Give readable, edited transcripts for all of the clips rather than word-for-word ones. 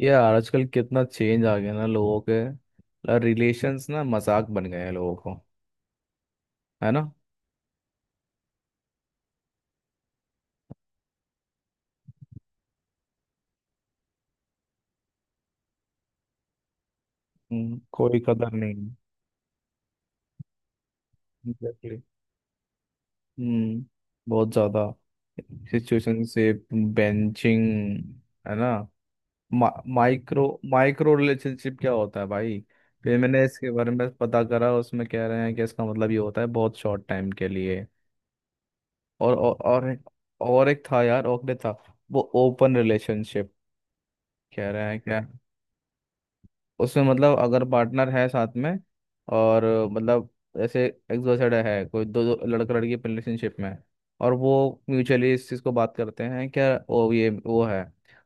यार, आजकल कितना चेंज आ गया ना। लोगों के रिलेशंस ना, मजाक बन गए हैं लोगों को। है ना? कोई कदर नहीं। एग्जैक्टली। हम्म। बहुत ज्यादा। सिचुएशन से बेंचिंग। है ना? माइक्रो माइक्रो रिलेशनशिप क्या होता है, भाई? फिर मैंने इसके बारे में पता करा। उसमें कह रहे हैं कि इसका मतलब ये होता है, बहुत शॉर्ट टाइम के लिए। और और और एक, और एक था यार, और एक था। वो ओपन रिलेशनशिप। कह रहे हैं क्या? उसमें मतलब, अगर पार्टनर है साथ में। और। मतलब। ऐसे। एक्सोसाइड है, कोई दो लड़का लड़की रिलेशनशिप में है, और वो म्यूचुअली इस चीज़ को बात करते हैं, क्या वो ये वो है।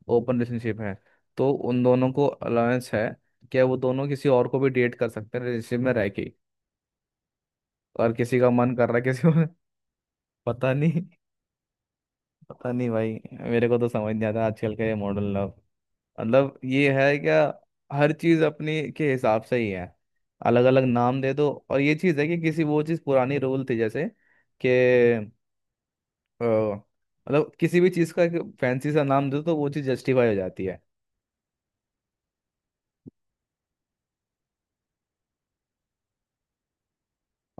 ओपन रिलेशनशिप है। तो उन दोनों को अलाउंस है, क्या वो दोनों किसी और को भी डेट कर सकते हैं रिलेशनशिप में रह के? और किसी का मन कर रहा है किसी को। पता नहीं। पता नहीं भाई। मेरे को तो समझ नहीं आता आजकल का ये मॉडल लव। मतलब ये है क्या? हर चीज अपने के हिसाब से ही है। अलग अलग नाम दे दो, और ये चीज है कि किसी वो चीज पुरानी रूल थी जैसे। कि। मतलब किसी भी चीज का फैंसी सा नाम दो, तो वो चीज जस्टिफाई हो जाती है।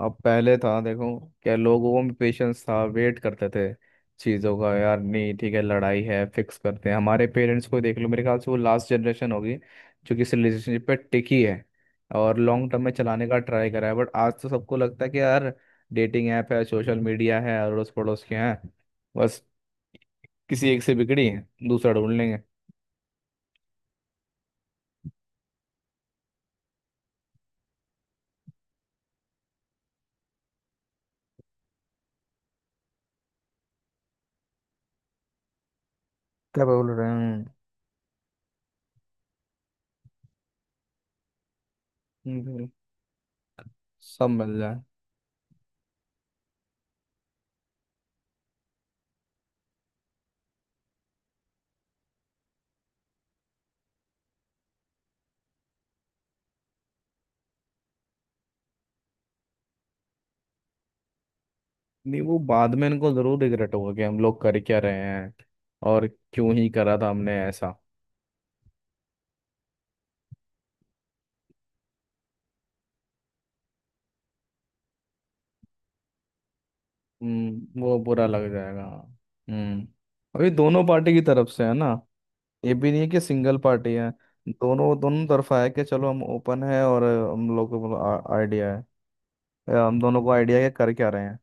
अब पहले था, देखो क्या लोगों में पेशेंस था, वेट करते थे चीज़ों का। यार, नहीं ठीक है, लड़ाई है फिक्स करते हैं। हमारे पेरेंट्स को देख लो, मेरे ख्याल से वो लास्ट जनरेशन होगी जो किसी रिलेशनशिप पे टिकी है और लॉन्ग टर्म में चलाने का ट्राई करा है। बट आज तो सबको लगता है कि यार, डेटिंग ऐप है, सोशल मीडिया है, अड़ोस पड़ोस के हैं, बस। किसी एक से बिगड़ी, दूसरा ढूंढ लेंगे। क्या बोल रहे हैं? हम्म, सब मिल जाए। नहीं, वो बाद में इनको जरूर रिग्रेट होगा कि हम लोग कर क्या रहे हैं, और क्यों ही करा था हमने ऐसा। हम्म, वो बुरा लग जाएगा। हम्म। और ये दोनों पार्टी की तरफ से है ना। ये भी नहीं है कि सिंगल पार्टी है। दोनों दोनों तरफा है, कि चलो हम ओपन है और हम लोग को आइडिया है, या हम दोनों को आइडिया है कि कर क्या रहे हैं।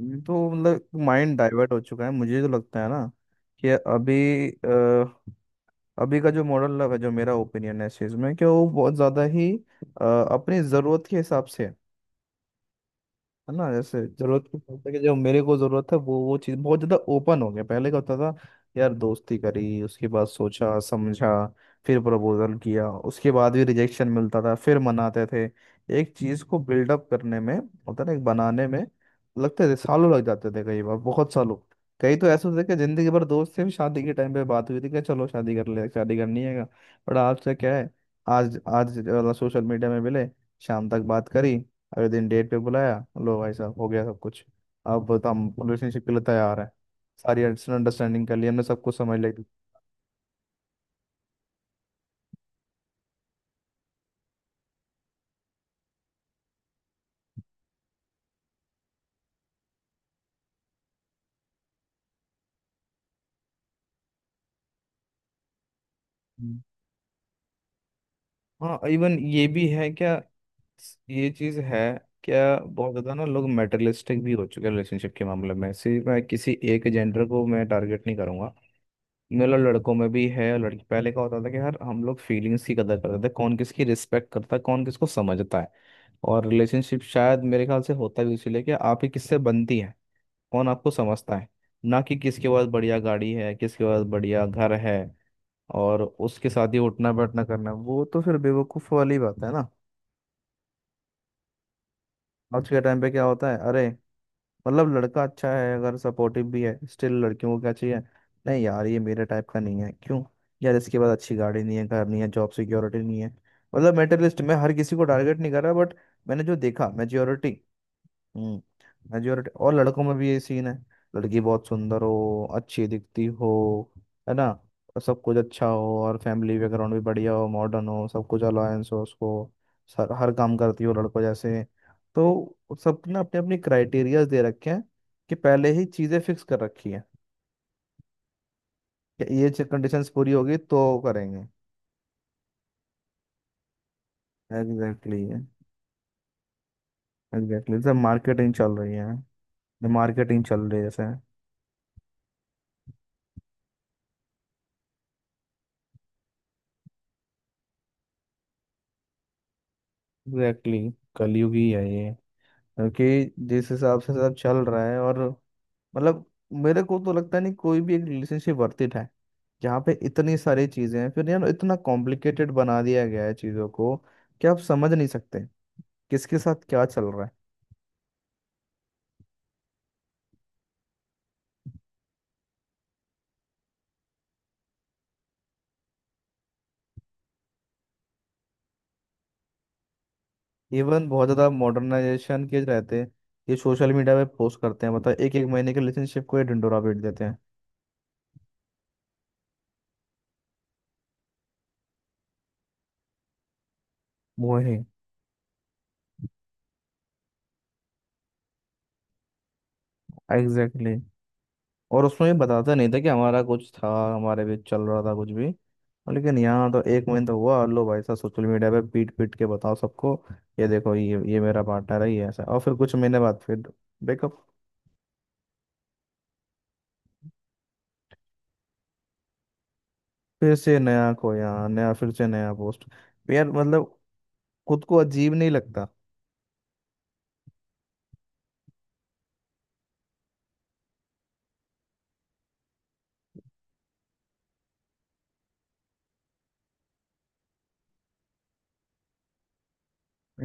ये तो मतलब माइंड डाइवर्ट हो चुका है, मुझे तो लगता है ना। कि अभी अभी का जो मॉडल है, जो मेरा ओपिनियन है इस चीज़ में, कि वो बहुत ज़्यादा ही अपनी ज़रूरत के हिसाब से है। है ना, जैसे जरूरत के बोलते, कि जो मेरे को जरूरत है वो चीज। बहुत ज्यादा ओपन हो गया। पहले क्या होता था? यार, दोस्ती करी, उसके बाद सोचा समझा, फिर प्रपोजल किया, उसके बाद भी रिजेक्शन मिलता था, फिर मनाते थे। एक चीज को बिल्डअप करने में, होता ना एक बनाने में, लगते थे सालों, लग जाते थे कई बार बहुत सालों। कई तो ऐसे होते थे कि जिंदगी भर दोस्त से भी शादी के टाइम पे बात हुई थी, कि चलो शादी कर ले, शादी करनी है का। बट आज से क्या है? आज आज सोशल मीडिया में मिले, शाम तक बात करी, अगले दिन डेट पे बुलाया, लो भाई साहब हो गया सब कुछ। अब बता, हम रिलेशनशिप के लिए तैयार है, सारी अंडरस्टैंडिंग कर ली हमने, सब कुछ समझ लिया। हम्म। हाँ, इवन ये भी है क्या? ये चीज है, क्या बहुत ज्यादा ना लोग मेटरलिस्टिक भी हो चुके हैं रिलेशनशिप के मामले में। सिर्फ मैं किसी एक जेंडर को मैं टारगेट नहीं करूंगा, मतलब लड़कों में भी है और लड़की। पहले का होता था कि यार, हम लोग फीलिंग्स की कदर करते थे, कौन किसकी रिस्पेक्ट करता है, कौन किसको समझता है। और रिलेशनशिप शायद मेरे ख्याल से होता भी इसीलिए कि आपकी किससे बनती है, कौन आपको समझता है। ना कि किसके पास बढ़िया गाड़ी है, किसके पास बढ़िया घर है, और उसके साथ ही उठना बैठना करना। वो तो फिर बेवकूफ़ वाली बात है ना। आज के टाइम पे क्या होता है, अरे, मतलब लड़का अच्छा है, अगर सपोर्टिव भी है, स्टिल लड़कियों को क्या चाहिए? नहीं यार, ये मेरे टाइप का नहीं है, क्यों? यार, इसके पास अच्छी गाड़ी नहीं है, घर नहीं है, जॉब सिक्योरिटी नहीं है। मतलब मेटलिस्ट, मैं हर किसी को टारगेट नहीं कर रहा, बट मैंने जो देखा, मेजोरिटी। हम्म। मेजोरिटी, और लड़कों में भी ये सीन है, लड़की बहुत सुंदर हो, अच्छी दिखती हो, है ना, और सब कुछ अच्छा हो, और फैमिली बैकग्राउंड भी बढ़िया हो, मॉडर्न हो, सब कुछ अलायंस हो उसको। सर, हर काम करती हो लड़कों जैसे। तो सबने अपने अपनी क्राइटेरियाज दे रखे हैं, कि पहले ही चीज़ें फिक्स कर रखी हैं, कि ये कंडीशंस पूरी होगी तो करेंगे। एग्जैक्टली। एग्जैक्टली सर, मार्केटिंग चल रही है, मार्केटिंग चल रही है, जैसे। एग्जैकली, कलयुग ही है ये। क्योंकि जिस हिसाब से सब चल रहा है, और मतलब, मेरे को तो लगता नहीं कोई भी एक रिलेशनशिप वर्थ इट है, जहाँ पे इतनी सारी चीजें हैं। फिर यार, इतना कॉम्प्लिकेटेड बना दिया गया है चीजों को कि आप समझ नहीं सकते किसके साथ क्या चल रहा है। इवन बहुत ज्यादा मॉडर्नाइजेशन के रहते हैं, ये सोशल मीडिया पे पोस्ट करते हैं। मतलब एक एक महीने के रिलेशनशिप को ये ढिंडोरा पीट देते हैं। वो है। एग्जैक्टली, और उसमें ये बताता नहीं था कि हमारा कुछ था, हमारे बीच चल रहा था कुछ भी। और लेकिन यहाँ तो एक महीना तो हुआ, लो भाई साहब, सोशल मीडिया पे पीट पीट के बताओ सबको। ये देखो, ये मेरा पार्टनर है, ये ऐसा है। और फिर कुछ महीने बाद फिर ब्रेकअप। फिर से नया खोया, नया, फिर से नया पोस्ट। तो यार मतलब, खुद को अजीब नहीं लगता?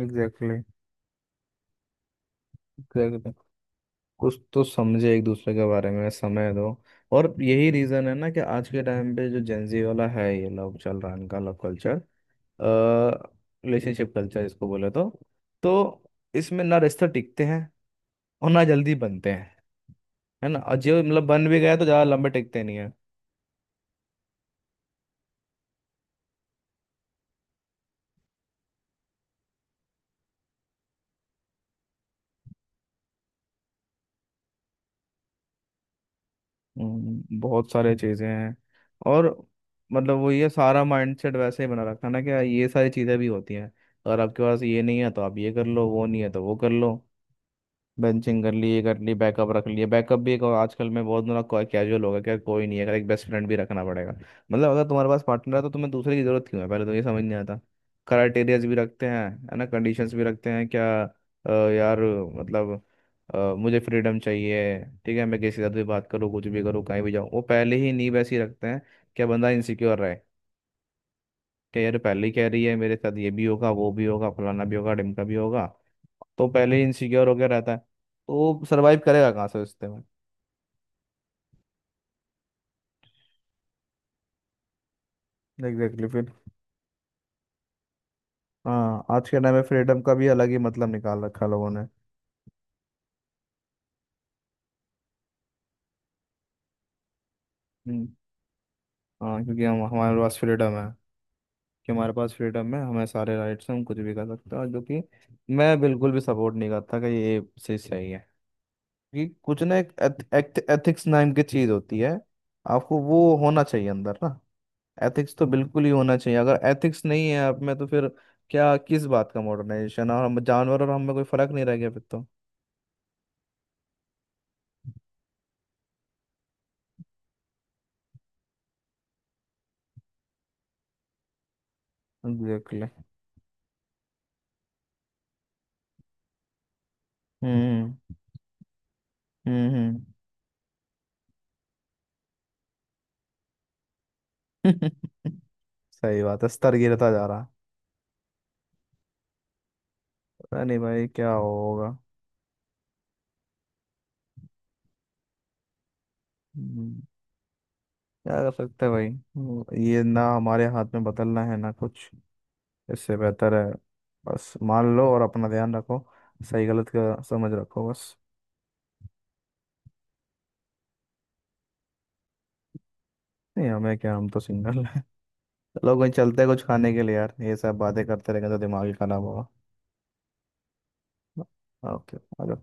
एग्जैक्टली। एग्जैक्टली, कुछ तो समझे एक दूसरे के बारे में, समय दो। और यही रीजन है ना, कि आज के टाइम पे जो जेंजी वाला है, ये लव चल रहा है, इनका लव कल्चर, रिलेशनशिप कल्चर इसको बोले तो। तो इसमें ना रिश्ते टिकते हैं और ना जल्दी बनते हैं, है ना। और जो मतलब बन भी गए तो ज़्यादा लंबे टिकते नहीं है। बहुत सारे चीज़ें हैं। और मतलब, वो ये सारा माइंडसेट वैसे ही बना रखा है ना, कि ये सारी चीज़ें भी होती हैं। अगर आपके पास ये नहीं है तो आप ये कर लो, वो नहीं है तो वो कर लो, बेंचिंग कर ली, ये कर ली, बैकअप रख लिए। बैकअप भी एक आजकल में बहुत बड़ा कैजुअल हो गया, क्या कोई नहीं है अगर, एक बेस्ट फ्रेंड भी रखना पड़ेगा। मतलब अगर तुम्हारे पास पार्टनर है, तो तुम्हें दूसरे की जरूरत क्यों है? पहले तो ये समझ नहीं आता। क्राइटेरिया भी रखते हैं, है ना, कंडीशंस भी रखते हैं क्या। यार, मतलब, मुझे फ्रीडम चाहिए। ठीक है, मैं किसी से भी बात करूँ, कुछ भी करूँ, कहीं भी जाऊँ। वो पहले ही नींव ऐसी रखते हैं, क्या बंदा इनसिक्योर रहे? क्या यार, पहले ही कह रही है, मेरे साथ ये भी होगा, वो भी होगा, फलाना भी होगा, ढिमका भी होगा। तो पहले ही इनसिक्योर होकर रहता है, तो सर्वाइव करेगा कहाँ से रिश्ते में? एग्जैक्टली exactly, फिर। हाँ, आज के टाइम में फ्रीडम का भी अलग ही मतलब निकाल रखा है लोगों ने। हम्म, हाँ, क्योंकि हम हमारे पास फ्रीडम है, कि हमारे पास फ्रीडम है, हमें सारे राइट्स हैं, हम कुछ भी कर सकते हैं, जो कि मैं बिल्कुल भी सपोर्ट नहीं करता कि ये चीज़ सही है। क्योंकि कुछ ना, एक एथिक्स नाम की चीज़ होती है, आपको वो होना चाहिए अंदर ना। एथिक्स तो बिल्कुल ही होना चाहिए, अगर एथिक्स नहीं है आप में, तो फिर क्या किस बात का मॉडर्नाइजेशन, और हम जानवर और हम में कोई फर्क नहीं रह गया फिर तो। एग्जैक्टली। हम्म। हम्म। हम्म। सही बात है, स्तर गिरता जा रहा है। पता नहीं भाई क्या होगा। हम्म, क्या कर सकते हैं भाई। ये ना हमारे हाथ में बदलना है ना कुछ। इससे बेहतर है, बस मान लो और अपना ध्यान रखो, सही गलत का समझ रखो बस। नहीं, हमें क्या, हम तो सिंगल। चलो कोई, चलते हैं कुछ खाने के लिए यार, ये सब बातें करते रहेंगे तो दिमाग ही खराब होगा। ओके।